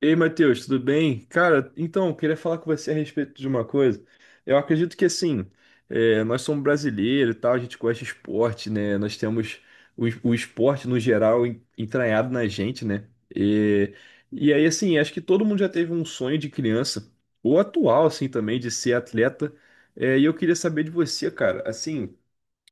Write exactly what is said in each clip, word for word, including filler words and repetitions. Ei, Matheus, tudo bem? Cara, então, eu queria falar com você a respeito de uma coisa. Eu acredito que, assim, é, nós somos brasileiros e tal, a gente gosta de esporte, né? Nós temos o, o esporte, no geral, en- entranhado na gente, né? E, e aí, assim, acho que todo mundo já teve um sonho de criança, ou atual, assim, também, de ser atleta. É, e eu queria saber de você, cara, assim,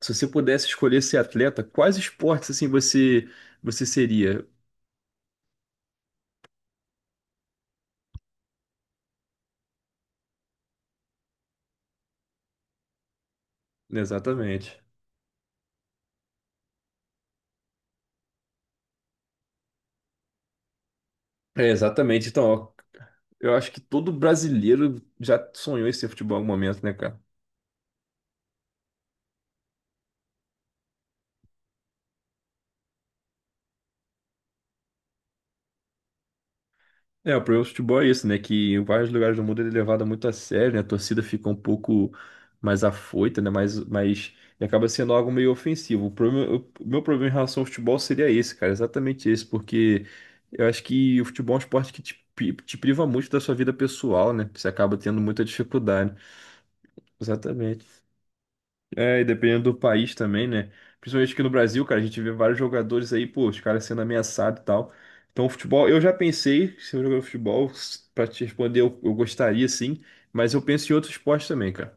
se você pudesse escolher ser atleta, quais esportes, assim, você, você seria? Exatamente. É, exatamente. Então, ó, eu acho que todo brasileiro já sonhou em ser futebol em algum momento, né, cara? É, o problema do futebol é isso, né? Que em vários lugares do mundo ele é levado muito a sério, né? A torcida fica um pouco mais afoita, né? Mais, mais... E acaba sendo algo meio ofensivo. O problema, o meu problema em relação ao futebol seria esse, cara. Exatamente esse, porque eu acho que o futebol é um esporte que te, pi- te priva muito da sua vida pessoal, né? Você acaba tendo muita dificuldade. Exatamente. É, e dependendo do país também, né? Principalmente aqui no Brasil, cara, a gente vê vários jogadores aí, pô, os caras sendo ameaçados e tal. Então, o futebol, eu já pensei, que se eu jogar futebol, s- pra te responder, eu, eu gostaria sim, mas eu penso em outros esportes também, cara.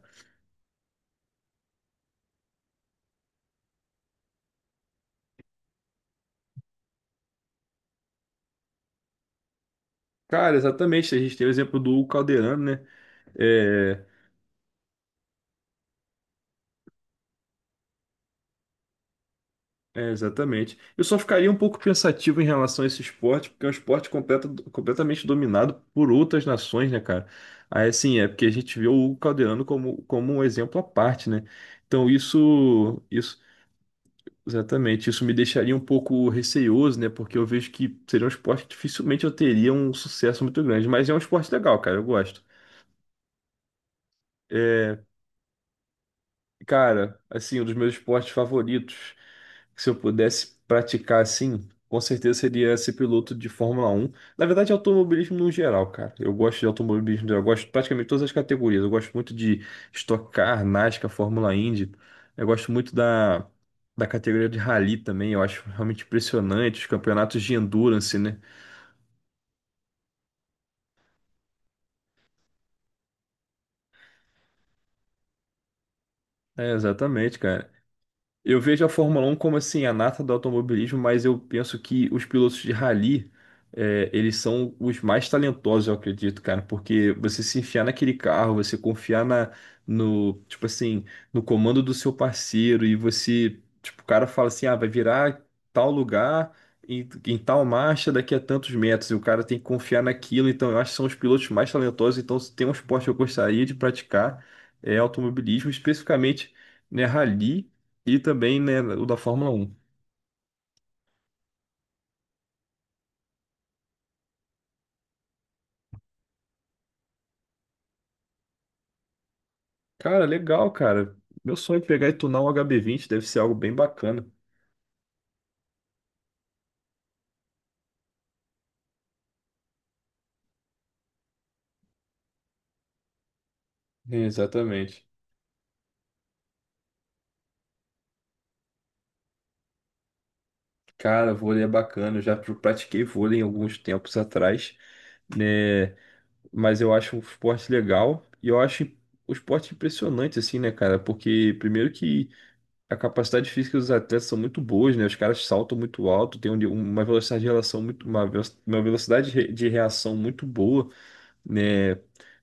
Cara, exatamente, a gente tem o exemplo do Hugo Calderano, né? É, É, exatamente. Eu só ficaria um pouco pensativo em relação a esse esporte, porque é um esporte completa- completamente dominado por outras nações, né, cara? Aí, assim, é porque a gente vê o Hugo Calderano como, como um exemplo à parte, né? Então, isso, isso, exatamente, isso me deixaria um pouco receioso, né? Porque eu vejo que seria um esporte que dificilmente eu teria um sucesso muito grande, mas é um esporte legal, cara, eu gosto. É, cara, assim, um dos meus esportes favoritos, que se eu pudesse praticar assim, com certeza seria ser piloto de Fórmula Um. Na verdade, automobilismo no geral, cara. Eu gosto de automobilismo, no geral, eu gosto de praticamente todas as categorias. Eu gosto muito de Stock Car, NASCAR, Fórmula Indy. Eu gosto muito da, da categoria de rally também. Eu acho realmente impressionante os campeonatos de endurance, né? É, exatamente, cara. Eu vejo a Fórmula Um como assim a nata do automobilismo, mas eu penso que os pilotos de rally, eh, eles são os mais talentosos, eu acredito, cara, porque você se enfiar naquele carro, você confiar na, no, tipo assim, no comando do seu parceiro e você, tipo, o cara fala assim, ah, vai virar tal lugar em, em tal marcha daqui a tantos metros e o cara tem que confiar naquilo. Então, eu acho que são os pilotos mais talentosos. Então, se tem um esporte que eu gostaria de praticar é automobilismo, especificamente, né, rally. E também, né, o da Fórmula Um. Cara, legal, cara. Meu sonho é pegar e tunar um hb vinte, deve ser algo bem bacana. É, exatamente. Cara, vôlei é bacana, eu já pr- pratiquei vôlei em alguns tempos atrás, né? Mas eu acho um esporte legal e eu acho o esporte impressionante, assim, né, cara? Porque, primeiro, que a capacidade física dos atletas são muito boas, né? Os caras saltam muito alto, tem um- uma velocidade de relação muito, uma velo- uma velocidade de re- de reação muito boa. Né?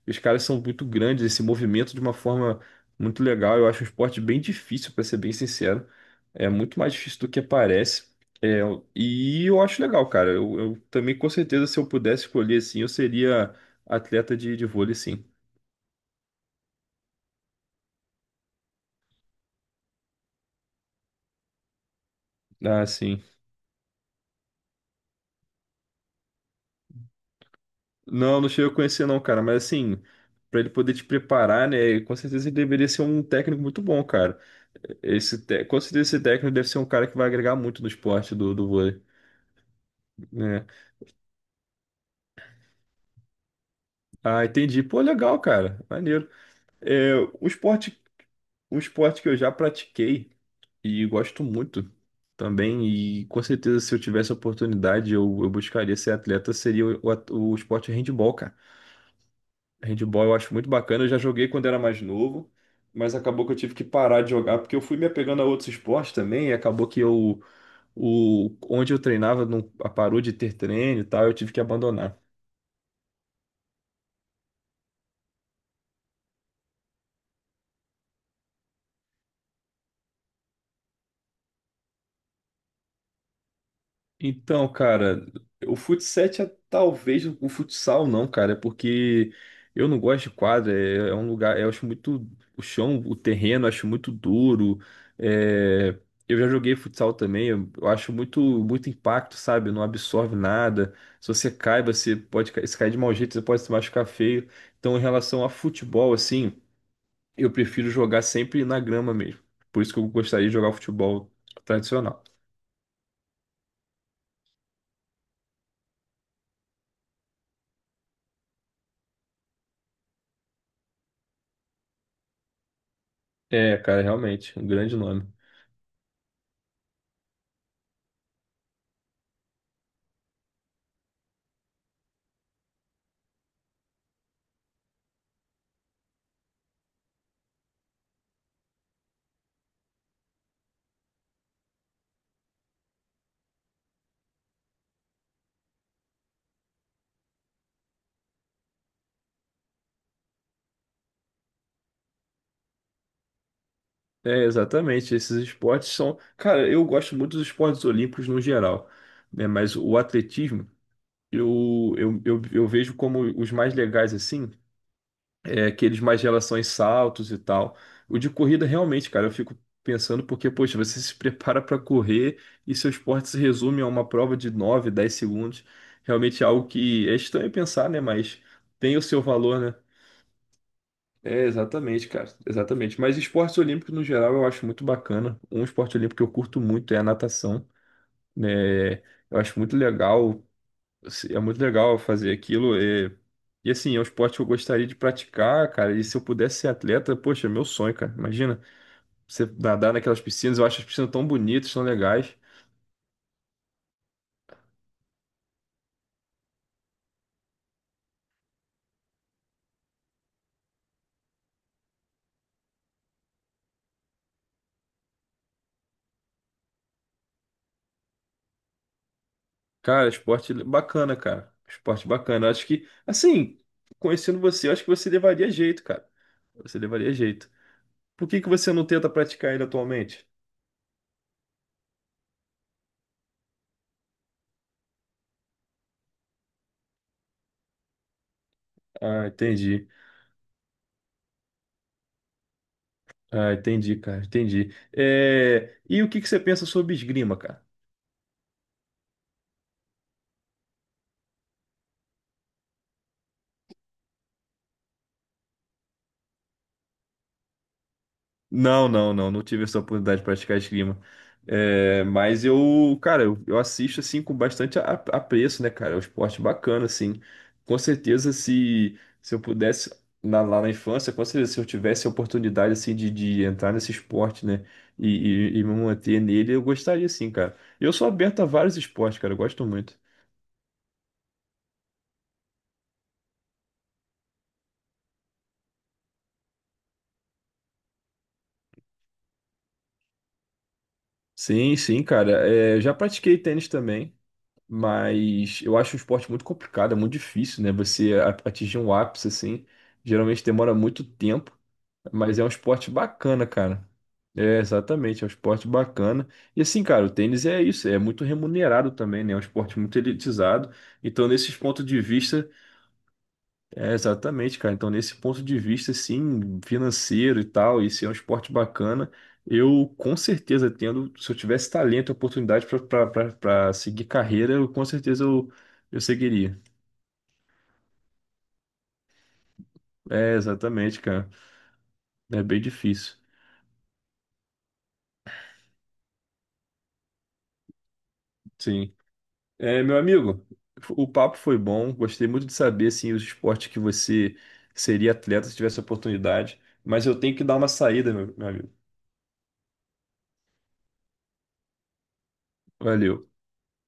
Os caras são muito grandes, esse movimento de uma forma muito legal. Eu acho um esporte bem difícil, para ser bem sincero. É muito mais difícil do que parece. É, e eu acho legal, cara. Eu, eu também, com certeza, se eu pudesse escolher assim, eu seria atleta de, de vôlei, sim. Ah, sim. Não, não cheguei a conhecer, não, cara. Mas assim, para ele poder te preparar, né? Com certeza ele deveria ser um técnico muito bom, cara. Esse, te- com certeza esse técnico deve ser um cara que vai agregar muito no esporte do, do vôlei, né? Ah, entendi. Pô, legal, cara. Maneiro. É, um esporte, um esporte que eu já pratiquei e gosto muito também, e com certeza se eu tivesse a oportunidade, eu, eu buscaria ser atleta, seria o, o, at- o esporte handball, cara. Handball eu acho muito bacana. Eu já joguei quando era mais novo, mas acabou que eu tive que parar de jogar, porque eu fui me apegando a outros esportes também, e acabou que eu, o, onde eu treinava não parou de ter treino e tal, eu tive que abandonar. Então, cara, o futsal é talvez o futsal não, cara, é porque eu não gosto de quadra, é, é um lugar, eu acho muito o chão, o terreno, eu acho muito duro. É, eu já joguei futsal também, eu, eu acho muito muito impacto, sabe? Não absorve nada. Se você cai, você pode ca- se cair de mau jeito, você pode se machucar feio. Então, em relação a futebol, assim, eu prefiro jogar sempre na grama mesmo. Por isso que eu gostaria de jogar futebol tradicional. É, cara, realmente, um grande nome. É, exatamente. Esses esportes são. Cara, eu gosto muito dos esportes olímpicos no geral, né? Mas o atletismo, eu, eu, eu, eu vejo como os mais legais, assim, é aqueles mais de relações saltos e tal. O de corrida, realmente, cara, eu fico pensando porque, poxa, você se prepara para correr e seu esporte se resume a uma prova de nove dez segundos. Realmente é algo que é estranho pensar, né? Mas tem o seu valor, né? É, exatamente, cara. Exatamente. Mas esportes olímpicos, no geral, eu acho muito bacana. Um esporte olímpico que eu curto muito é a natação, né? Eu acho muito legal, assim, é muito legal fazer aquilo. É. E assim, é um esporte que eu gostaria de praticar, cara. E se eu pudesse ser atleta, poxa, é meu sonho, cara. Imagina você nadar naquelas piscinas. Eu acho as piscinas tão bonitas, tão legais. Cara, esporte bacana, cara. Esporte bacana. Eu acho que, assim, conhecendo você, eu acho que você levaria jeito, cara. Você levaria jeito. Por que que você não tenta praticar ele atualmente? Ah, entendi. Ah, entendi, cara, entendi. É, e o que que você pensa sobre esgrima, cara? Não, não, não, não tive essa oportunidade de praticar esgrima. É, mas eu, cara, eu, eu assisto assim com bastante a- apreço, né, cara? É um esporte bacana, assim. Com certeza, se, se eu pudesse, na- lá na infância, com certeza, se eu tivesse a oportunidade, assim, de, de entrar nesse esporte, né, e, e, e me manter nele, eu gostaria, sim, cara. Eu sou aberto a vários esportes, cara, eu gosto muito. Sim, sim, cara. É, eu já pratiquei tênis também, mas eu acho um esporte muito complicado, é muito difícil, né? Você a- atingir um ápice assim, geralmente demora muito tempo, mas é um esporte bacana, cara. É, exatamente, é um esporte bacana. E assim, cara, o tênis é isso, é muito remunerado também, né? É um esporte muito elitizado. Então, nesses pontos de vista, é, exatamente, cara. Então, nesse ponto de vista, assim, financeiro e tal, e se é um esporte bacana, eu com certeza tendo, se eu tivesse talento e oportunidade para seguir carreira, eu com certeza eu, eu seguiria. É, exatamente, cara. É bem difícil. Sim. É, meu amigo, o papo foi bom. Gostei muito de saber, assim, os esportes que você seria atleta se tivesse oportunidade. Mas eu tenho que dar uma saída, meu meu amigo. Valeu.